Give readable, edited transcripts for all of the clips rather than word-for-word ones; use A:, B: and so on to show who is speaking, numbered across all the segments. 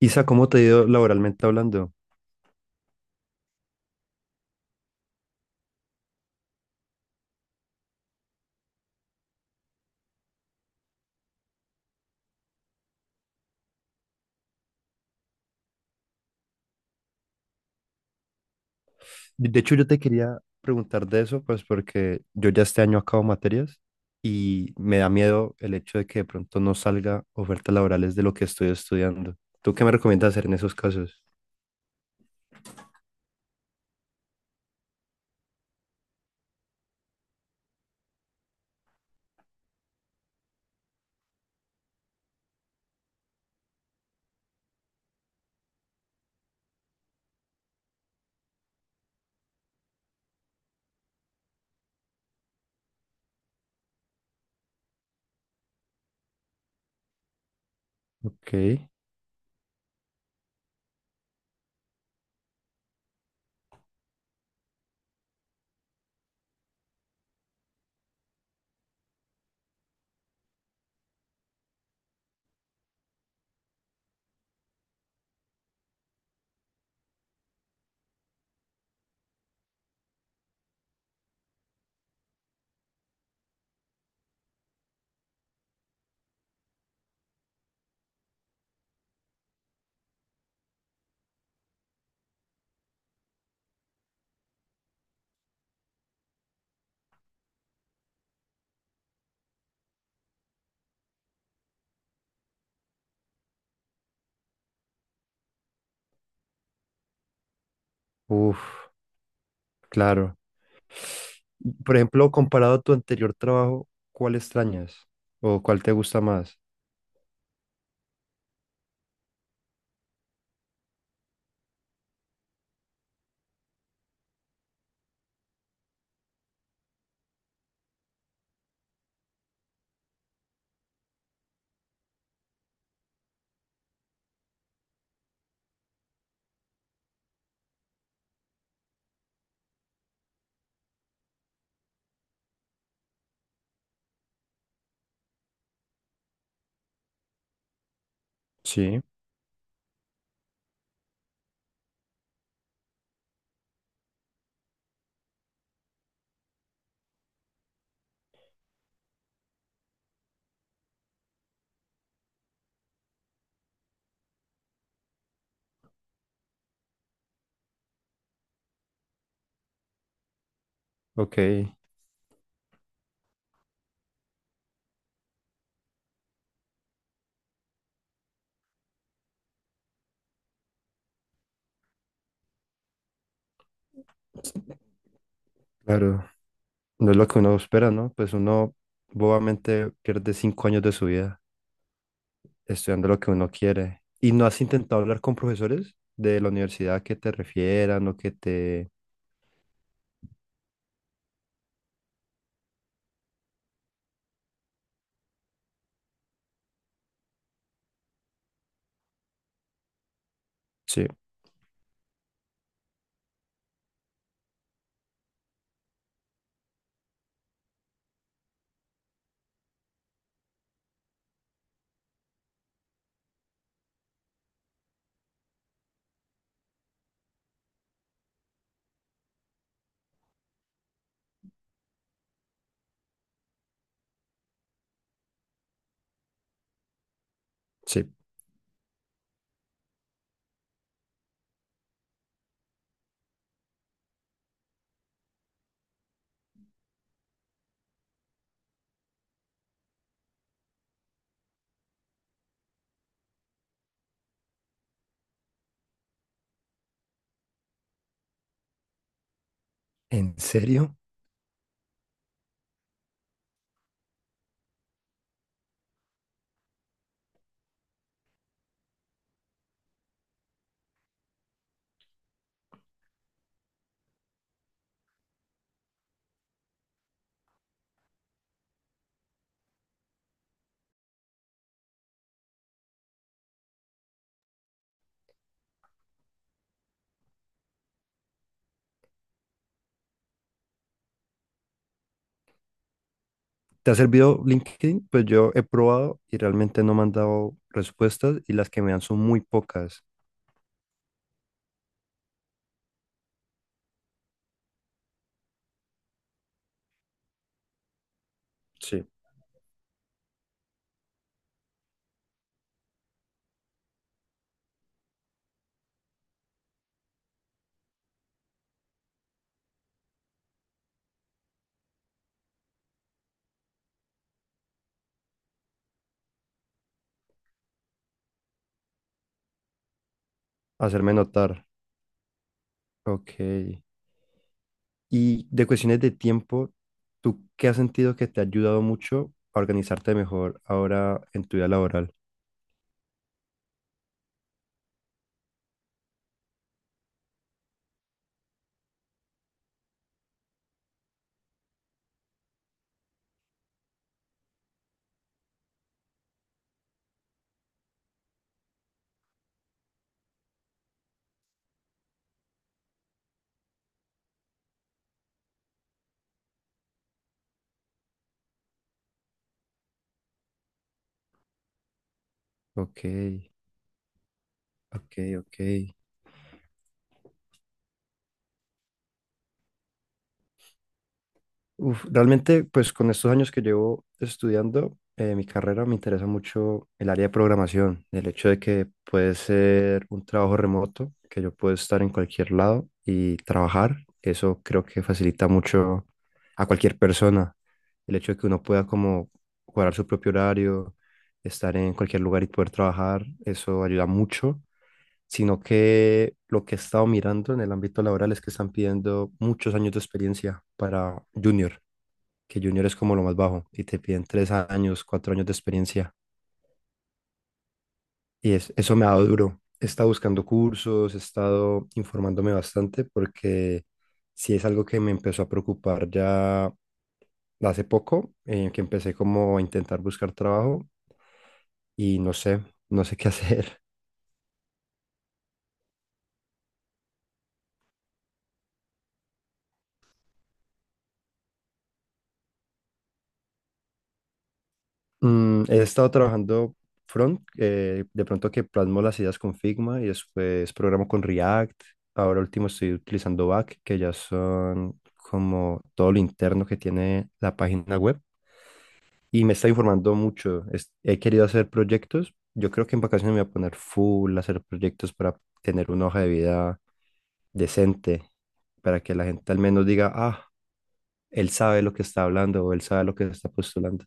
A: Isa, ¿cómo te ha ido laboralmente hablando? De hecho, yo te quería preguntar de eso, pues porque yo ya este año acabo materias y me da miedo el hecho de que de pronto no salga ofertas laborales de lo que estoy estudiando. ¿Tú qué me recomiendas hacer en esos casos? Ok, uf, claro. Por ejemplo, comparado a tu anterior trabajo, ¿cuál extrañas o cuál te gusta más? Sí, ok, claro. No es lo que uno espera, ¿no? Pues uno bobamente pierde 5 años de su vida estudiando lo que uno quiere. ¿Y no has intentado hablar con profesores de la universidad que te refieran o que te... Sí, sí. ¿En serio? ¿Te ha servido LinkedIn? Pues yo he probado y realmente no me han dado respuestas y las que me dan son muy pocas. Sí. Hacerme notar. Ok. Y de cuestiones de tiempo, ¿tú qué has sentido que te ha ayudado mucho a organizarte mejor ahora en tu vida laboral? Ok, ok, ok. Uf, realmente, pues con estos años que llevo estudiando mi carrera, me interesa mucho el área de programación, el hecho de que puede ser un trabajo remoto, que yo puedo estar en cualquier lado y trabajar. Eso creo que facilita mucho a cualquier persona, el hecho de que uno pueda como cuadrar su propio horario, estar en cualquier lugar y poder trabajar, eso ayuda mucho, sino que lo que he estado mirando en el ámbito laboral es que están pidiendo muchos años de experiencia para junior, que junior es como lo más bajo, y te piden 3 años, 4 años de experiencia. Y es, eso me ha dado duro. He estado buscando cursos, he estado informándome bastante porque sí es algo que me empezó a preocupar ya hace poco, que empecé como a intentar buscar trabajo y no sé, no sé qué hacer. Mm, he estado trabajando front, de pronto que plasmo las ideas con Figma y después programo con React. Ahora último estoy utilizando back, que ya son como todo lo interno que tiene la página web. Y me está informando mucho. He querido hacer proyectos. Yo creo que en vacaciones me voy a poner full a hacer proyectos para tener una hoja de vida decente, para que la gente al menos diga, ah, él sabe lo que está hablando o él sabe lo que está postulando.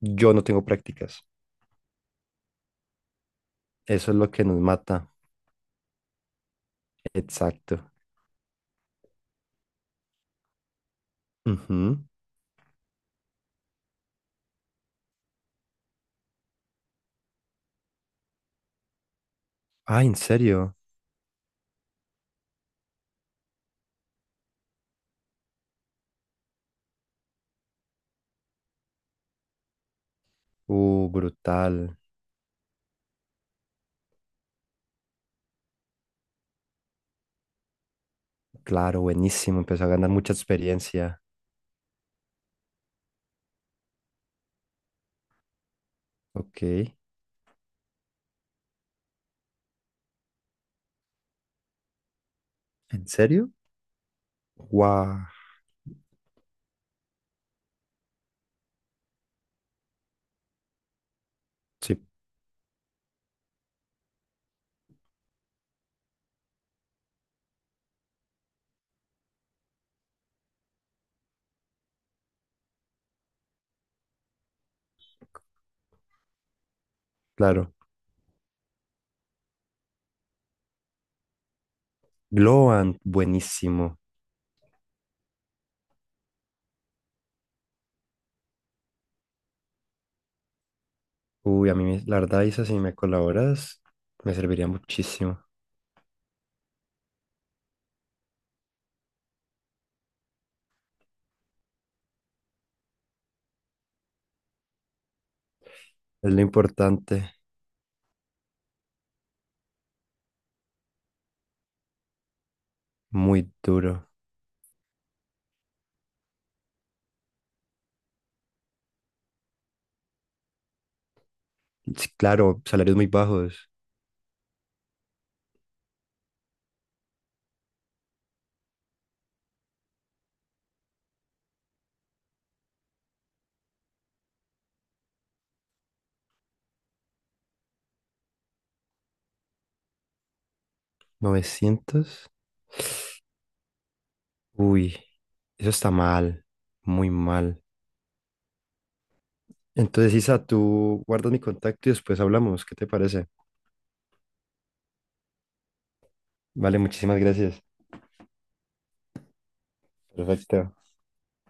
A: Yo no tengo prácticas. Eso es lo que nos mata. Exacto. Ujú. Ah, ¿en serio? Brutal. Claro, buenísimo. Empezó a ganar mucha experiencia. Ok. ¿En serio? Guau. Sí, claro. Glowant, buenísimo. Uy, a mí, la verdad, Isa, si me colaboras, me serviría muchísimo. Es lo importante. Muy duro. Sí, claro, salarios muy bajos. 900. Uy, eso está mal. Muy mal. Entonces, Isa, tú guardas mi contacto y después hablamos. ¿Qué te parece? Vale, muchísimas gracias. Perfecto.